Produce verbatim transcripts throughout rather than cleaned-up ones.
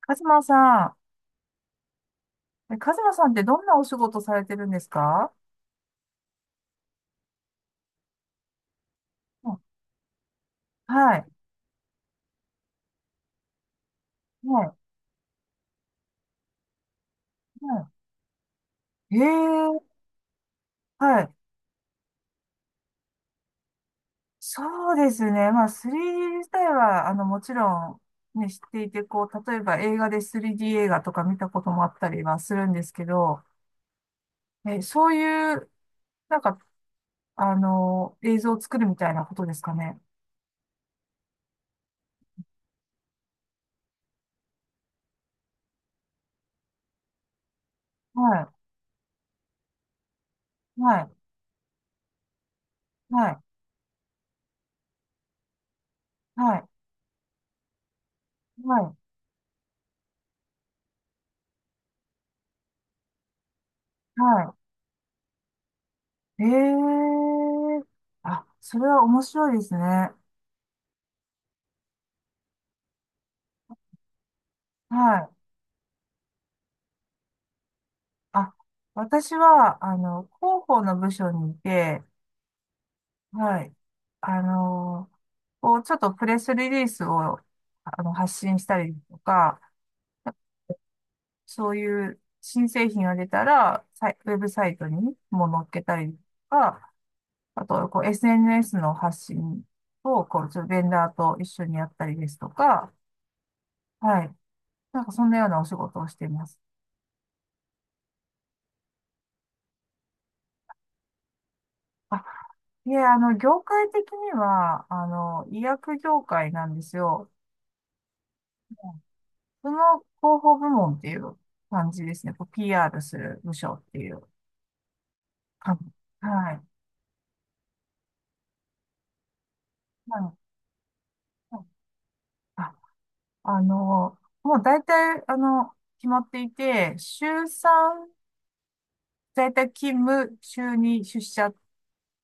カズマさん、えカズマさんってどんなお仕事されてるんですか？うん、はい、はい、はい。ええ、はい。そうですね。まあ、スリーディー 自体は、あの、もちろん、ね、知っていて、こう、例えば映画で スリーディー 映画とか見たこともあったりはするんですけど、え、そういう、なんか、あの、映像を作るみたいなことですかね。はい、はい、はい、はい、はい、はい。ええ、あ、それは面白いですね。はい。あ、私は、あの、広報の部署にいて、はい。あの、こう、ちょっとプレスリリースを、あの、発信したりとか、そういう新製品が出たら、サイウェブサイトにも載っけたりとか、あと、こう、エスエヌエス の発信を、こう、ちょっとベンダーと一緒にやったりですとか、はい。なんか、そんなようなお仕事をしています。あいえ、あの、業界的には、あの、医薬業界なんですよ。その広報部門っていう感じですね。こう ピーアール する部署っていう感じ。はい。はい。あ、あの、もう大体、あの、決まっていて、週さん、在宅勤務、週に出社っ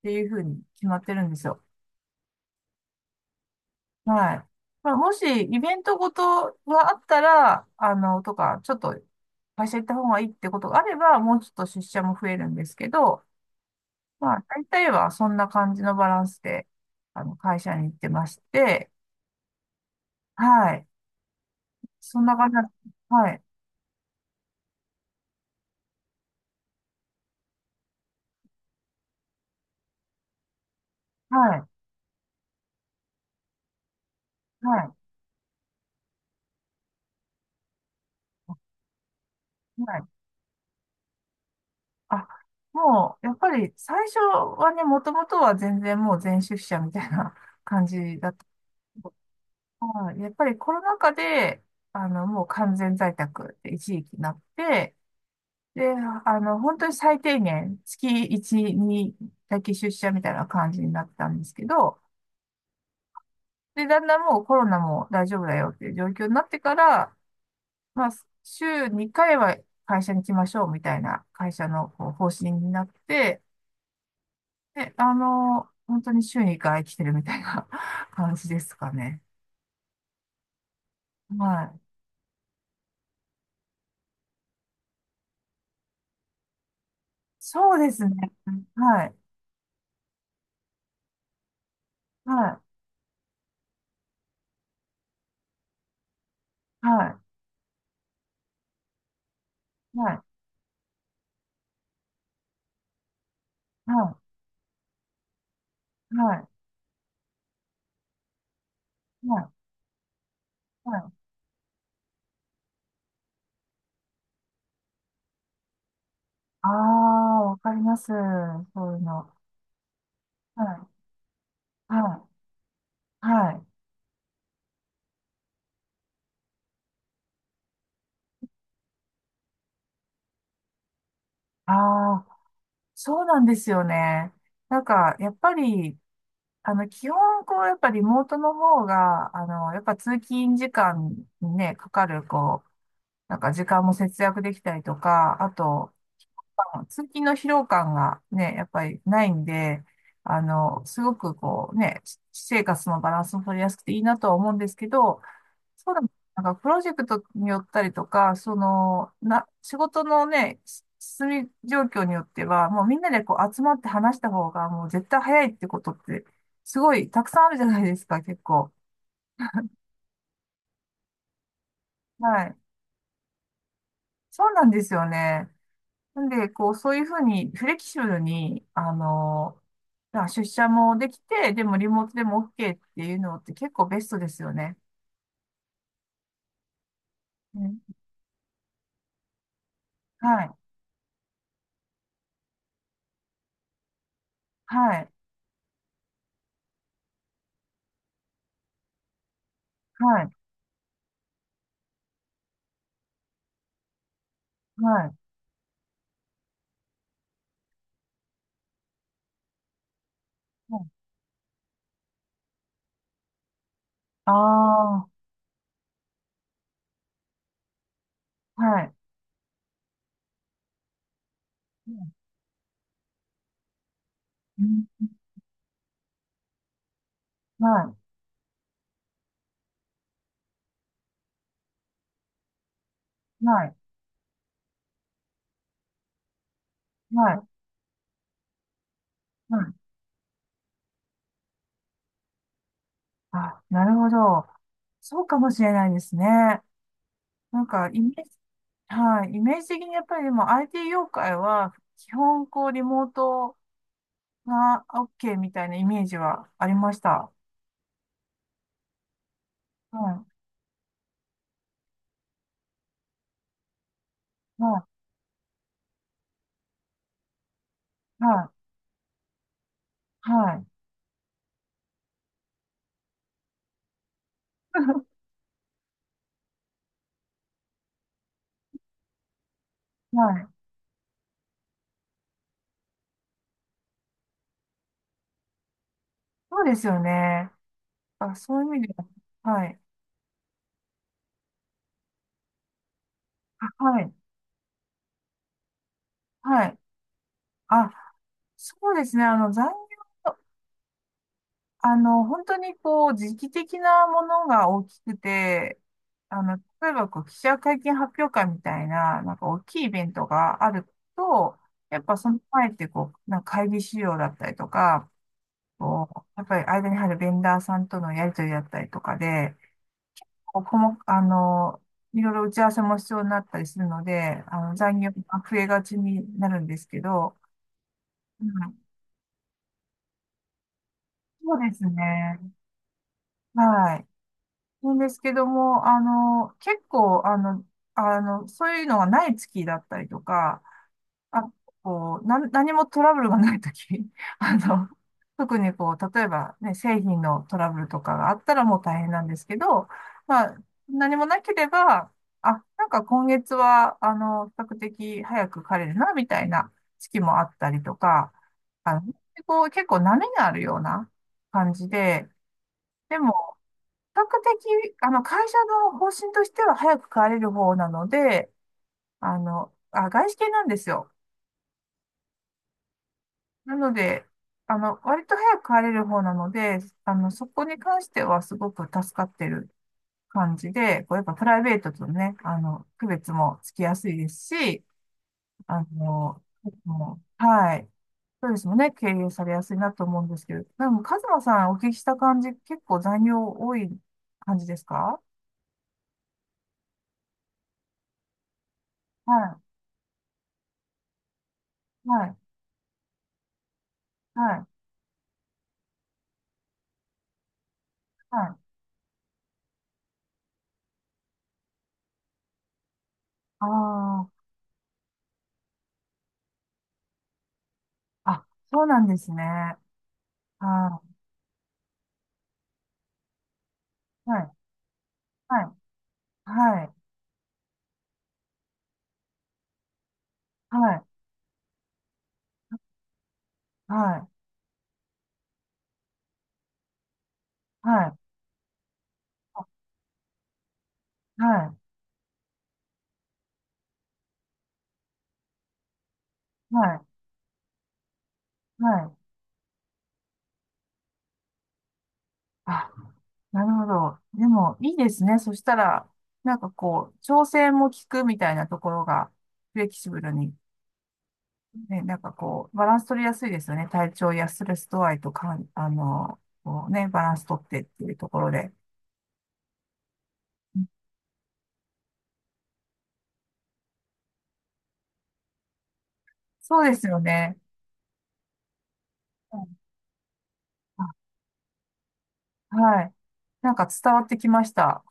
ていうふうに決まってるんですよ。はい。まあ、もし、イベントごとがあったら、あの、とか、ちょっと、会社行った方がいいってことがあれば、もうちょっと出社も増えるんですけど、まあ、大体はそんな感じのバランスで、あの、会社に行ってまして、はい。そんな感じなんです。はい。はい。はい。はい。あ、もう、やっぱり最初はね、もともとは全然もう全出社みたいな 感じだった。はい。やっぱりコロナ禍で、あの、もう完全在宅って一時期なって、で、あの、本当に最低限、月いち、にだけ出社みたいな感じになったんですけど、で、だんだんもうコロナも大丈夫だよっていう状況になってから、まあ、週にかいは会社に来ましょうみたいな会社のこう方針になって、で、あの、本当に週にかい来てるみたいな 感じですかね。はい。そうですね。はい。はい。はい。はい。はい。はい。はい。はい。ああ、わかります。そういうの。はい。はい。はい。ああ、そうなんですよね。なんか、やっぱり、あの、基本、こう、やっぱリモートの方が、あの、やっぱ通勤時間にね、かかる、こう、なんか時間も節約できたりとか、あと、まあの通勤の疲労感がね、やっぱりないんで、あの、すごくこうね、私生活のバランスも取りやすくていいなとは思うんですけど、そうだ、なんかプロジェクトによったりとか、その、な、仕事のね、し進み状況によっては、もうみんなでこう集まって話した方が、もう絶対早いってことって、すごいたくさんあるじゃないですか、結構。はい。そうなんですよね。なんで、こう、そういうふうに、フレキシブルに、あの、まあ出社もできて、でもリモートでも OK っていうのって結構ベストですよね。うん、はい。はい。はい。はい。ああー、はい。うん、はい、はい、はい、はい。あ、なるほど。そうかもしれないですね。なんか、イメージ、はい、イメージ的にやっぱりでも アイティー 業界は、基本こう、リモートが OK みたいなイメージはありました。はい、はい、はい、はい。はい。そうですよね。あ、そういう意味では、はい。あはい。はい。あ、そうですね。あの、残業あの、本当にこう、時期的なものが大きくて、あの、例えばこう、記者会見発表会みたいな、なんか大きいイベントがあると、やっぱその前ってこう、なんか会議資料だったりとか、こう、やっぱり間に入るベンダーさんとのやりとりだったりとかで、こうこも、あの、いろいろ打ち合わせも必要になったりするので、あの、残業が増えがちになるんですけど、うん、そうですね。はい。なんですけども、あの、結構、あの、あの、そういうのがない月だったりとか、あ、こう、なん、何もトラブルがない時 あの、特にこう、例えばね、製品のトラブルとかがあったらもう大変なんですけど、まあ、何もなければ、あ、なんか今月は、あの、比較的早く帰れるな、みたいな月もあったりとか、あの、こう、結構波があるような感じで、でも比較的、あの、会社の方針としては早く帰れる方なので、あの、あ、外資系なんですよ。なので、あの、割と早く帰れる方なので、あの、そこに関してはすごく助かってる感じで、こうやっぱプライベートとね、あの、区別もつきやすいですし、あの、もうはい。そうですもね、経営されやすいなと思うんですけど、でも、カズマさんお聞きした感じ、結構残業多い感じですか？はい、はい、はい、はい。ああ、あ、そうなんですね。あー、はい、はい、はい、はい、はい、はい、はい、はい、はい。あ、なるほど。でも、いいですね。そしたら、なんかこう、調整も効くみたいなところが、フレキシブルに、ね、なんかこう、バランス取りやすいですよね。体調やストレス度合いとかん、あの、こうね、バランス取ってっていうところで。で、そうですよね。うん。あはい。なんか伝わってきました。